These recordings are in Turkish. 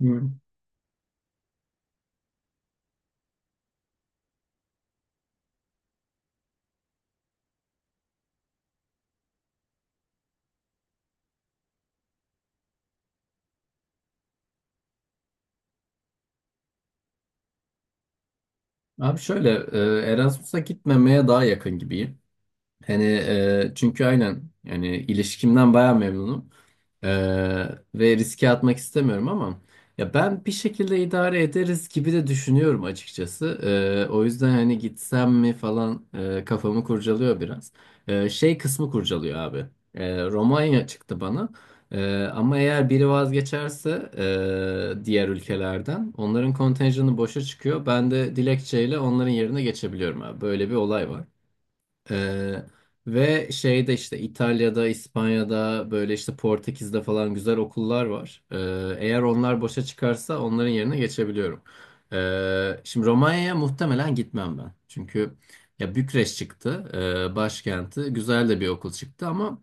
Hı. Abi şöyle Erasmus'a gitmemeye daha yakın gibiyim. Hani çünkü aynen yani ilişkimden baya memnunum. E, ve riske atmak istemiyorum ama ya ben bir şekilde idare ederiz gibi de düşünüyorum açıkçası. O yüzden hani gitsem mi falan kafamı kurcalıyor biraz. Şey kısmı kurcalıyor abi. Romanya çıktı bana. Ama eğer biri vazgeçerse diğer ülkelerden onların kontenjanı boşa çıkıyor. Ben de dilekçeyle onların yerine geçebiliyorum abi. Böyle bir olay var. Ee, Ve şeyde işte İtalya'da, İspanya'da böyle işte Portekiz'de falan güzel okullar var. Eğer onlar boşa çıkarsa onların yerine geçebiliyorum. Şimdi Romanya'ya muhtemelen gitmem ben. Çünkü ya Bükreş çıktı, başkenti. Güzel de bir okul çıktı ama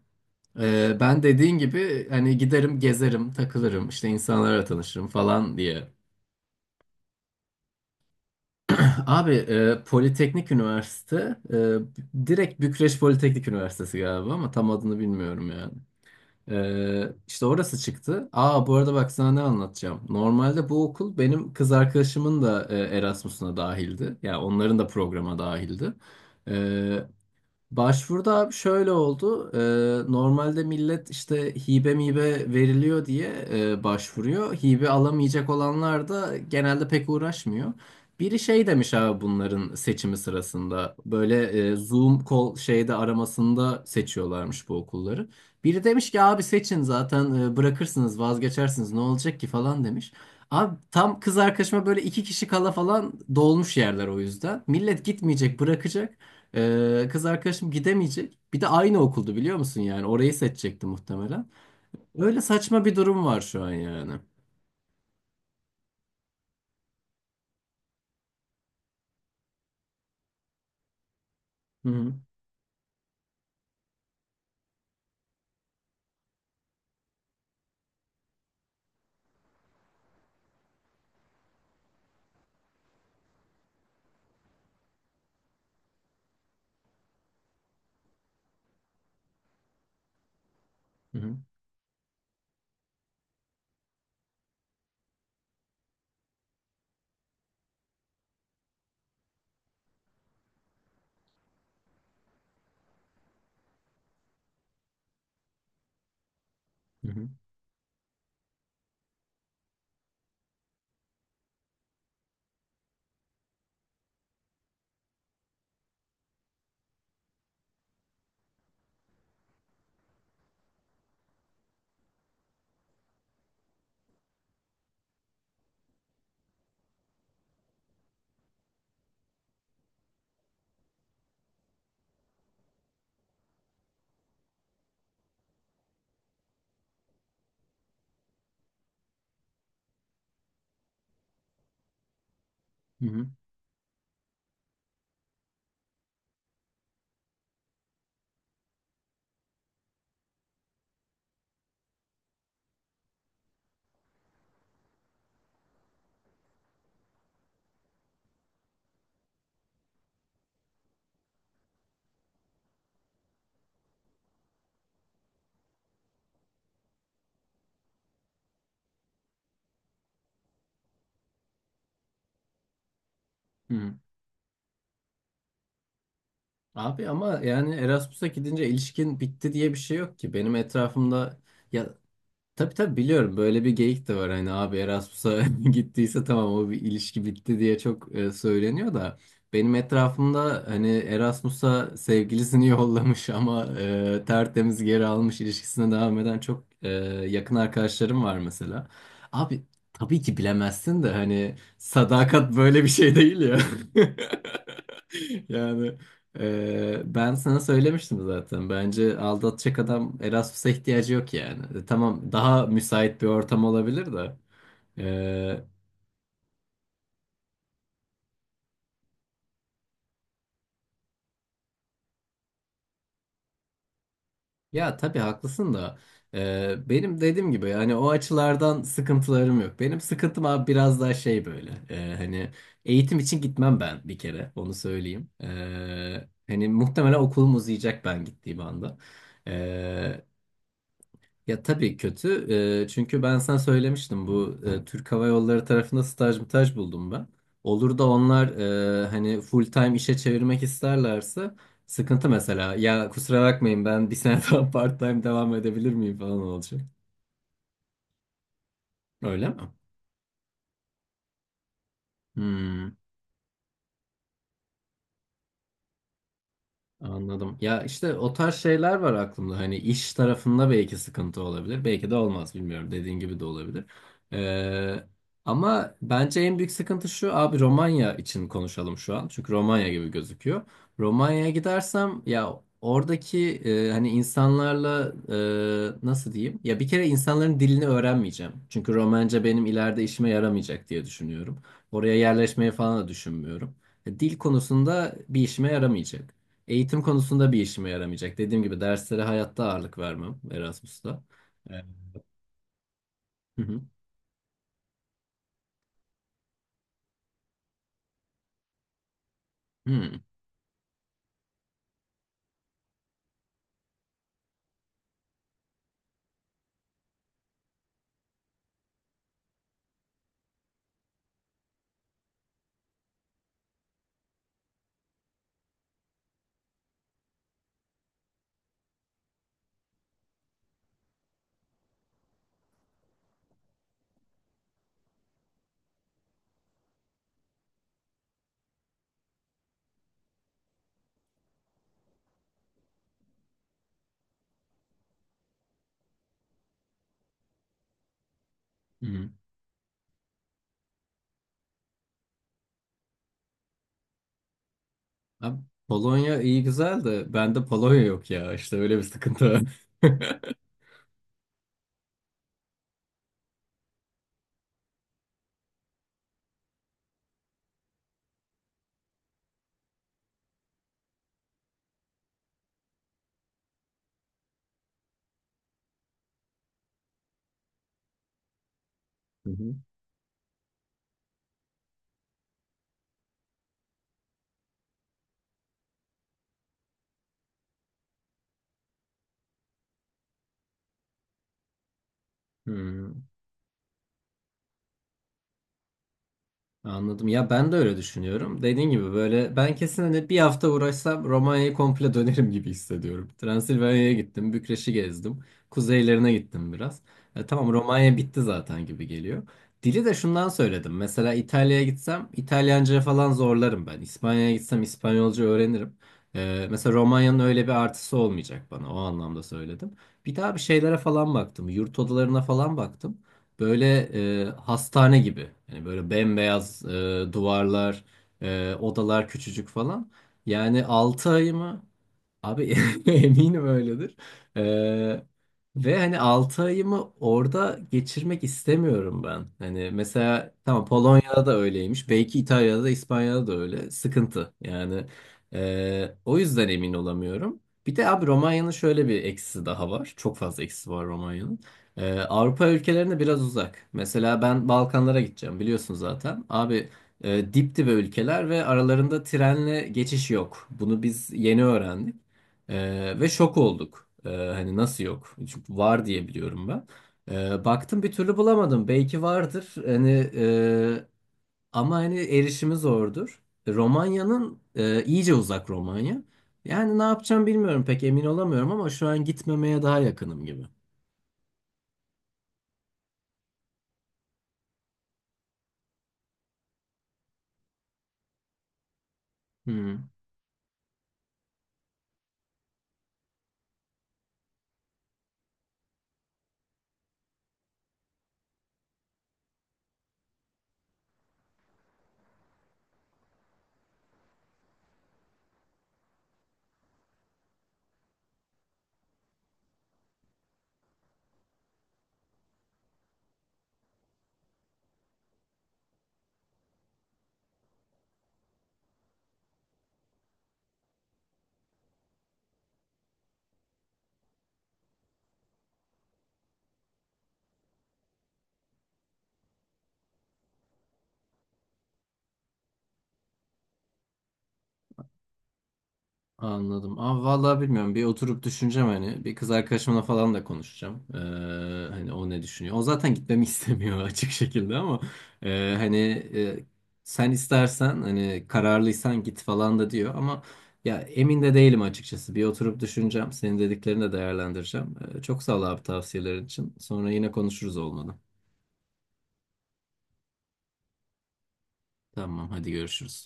ben dediğin gibi hani giderim, gezerim, takılırım, işte insanlarla tanışırım falan diye. Abi, Politeknik Üniversite direkt Bükreş Politeknik Üniversitesi galiba ama tam adını bilmiyorum yani. İşte orası çıktı. Aa, bu arada bak sana ne anlatacağım. Normalde bu okul benim kız arkadaşımın da Erasmus'una dahildi. Yani onların da programa dahildi. E, Başvuruda abi şöyle oldu. Normalde millet işte hibe mibe veriliyor diye başvuruyor. Hibe alamayacak olanlar da genelde pek uğraşmıyor. Biri şey demiş abi bunların seçimi sırasında. Böyle Zoom call şeyde aramasında seçiyorlarmış bu okulları. Biri demiş ki abi seçin zaten bırakırsınız vazgeçersiniz ne olacak ki falan demiş. Abi tam kız arkadaşıma böyle iki kişi kala falan dolmuş yerler o yüzden. Millet gitmeyecek bırakacak. Kız arkadaşım gidemeyecek. Bir de aynı okuldu biliyor musun yani? Orayı seçecekti muhtemelen. Öyle saçma bir durum var şu an yani. Hı hı, hı hı, hı hı, hı hı, hı hı. Abi ama yani Erasmus'a gidince ilişkin bitti diye bir şey yok ki. Benim etrafımda ya. Tabii tabii biliyorum, böyle bir geyik de var hani abi Erasmus'a gittiyse tamam o bir ilişki bitti diye çok söyleniyor da benim etrafımda hani Erasmus'a sevgilisini yollamış ama tertemiz geri almış, ilişkisine devam eden çok yakın arkadaşlarım var mesela. Abi tabii ki bilemezsin de hani sadakat böyle bir şey değil ya. Yani ben sana söylemiştim zaten. Bence aldatacak adam Erasmus'a ihtiyacı yok yani. Tamam, daha müsait bir ortam olabilir de. Ee, Ya tabii haklısın da. Benim dediğim gibi yani o açılardan sıkıntılarım yok. Benim sıkıntım abi biraz daha şey böyle. Hani eğitim için gitmem ben, bir kere onu söyleyeyim. Hani muhtemelen okulum uzayacak ben gittiğim anda. Ee, Ya tabii kötü. Çünkü ben sana söylemiştim, bu Türk Hava Yolları tarafında staj mıtaj buldum ben. Olur da onlar hani full time işe çevirmek isterlerse sıkıntı mesela. Ya kusura bakmayın, ben bir sene daha part time devam edebilir miyim falan olacak. Öyle mi? Hmm. Anladım. Ya işte o tarz şeyler var aklımda. Hani iş tarafında belki sıkıntı olabilir. Belki de olmaz bilmiyorum. Dediğin gibi de olabilir. Ee, Ama bence en büyük sıkıntı şu. Abi Romanya için konuşalım şu an. Çünkü Romanya gibi gözüküyor. Romanya'ya gidersem ya oradaki hani insanlarla nasıl diyeyim? Ya bir kere insanların dilini öğrenmeyeceğim. Çünkü Romence benim ileride işime yaramayacak diye düşünüyorum. Oraya yerleşmeyi falan da düşünmüyorum. Dil konusunda bir işime yaramayacak. Eğitim konusunda bir işime yaramayacak. Dediğim gibi derslere hayatta ağırlık vermem Erasmus'ta. Evet. Hı hı. Hı hı. Abi, Polonya iyi güzel de bende Polonya yok ya. İşte öyle bir sıkıntı var. Hı hı. Hı. Anladım. Ya ben de öyle düşünüyorum. Dediğin gibi böyle ben kesin hani bir hafta uğraşsam Romanya'yı komple dönerim gibi hissediyorum. Transilvanya'ya gittim, Bükreş'i gezdim, kuzeylerine gittim biraz. Tamam, Romanya bitti zaten gibi geliyor. Dili de şundan söyledim. Mesela İtalya'ya gitsem İtalyanca falan zorlarım ben. İspanya'ya gitsem İspanyolca öğrenirim. Mesela Romanya'nın öyle bir artısı olmayacak bana. O anlamda söyledim. Bir daha bir şeylere falan baktım. Yurt odalarına falan baktım. Böyle hastane gibi. Yani böyle bembeyaz duvarlar, odalar küçücük falan. Yani 6 ay mı? Abi eminim öyledir. Ee, Ve hani 6 ayımı orada geçirmek istemiyorum ben. Hani mesela tamam, Polonya'da da öyleymiş. Belki İtalya'da da İspanya'da da öyle. Sıkıntı yani. O yüzden emin olamıyorum. Bir de abi Romanya'nın şöyle bir eksisi daha var. Çok fazla eksisi var Romanya'nın. Avrupa ülkelerine biraz uzak. Mesela ben Balkanlara gideceğim biliyorsun zaten. Abi dip dibe ülkeler ve aralarında trenle geçiş yok. Bunu biz yeni öğrendik. Ve şok olduk. Hani nasıl yok? Çünkü var diye biliyorum ben. Baktım bir türlü bulamadım. Belki vardır. Hani e, ama hani erişimi zordur. Romanya'nın iyice uzak Romanya. Yani ne yapacağım bilmiyorum, pek emin olamıyorum ama şu an gitmemeye daha yakınım gibi. Hmm. Anladım. Ama vallahi bilmiyorum. Bir oturup düşüneceğim hani. Bir kız arkadaşımla falan da konuşacağım. Hani o ne düşünüyor. O zaten gitmemi istemiyor açık şekilde ama hani e, sen istersen hani kararlıysan git falan da diyor ama ya emin de değilim açıkçası. Bir oturup düşüneceğim. Senin dediklerini de değerlendireceğim. Çok sağ ol abi tavsiyelerin için. Sonra yine konuşuruz olmadı. Tamam hadi görüşürüz.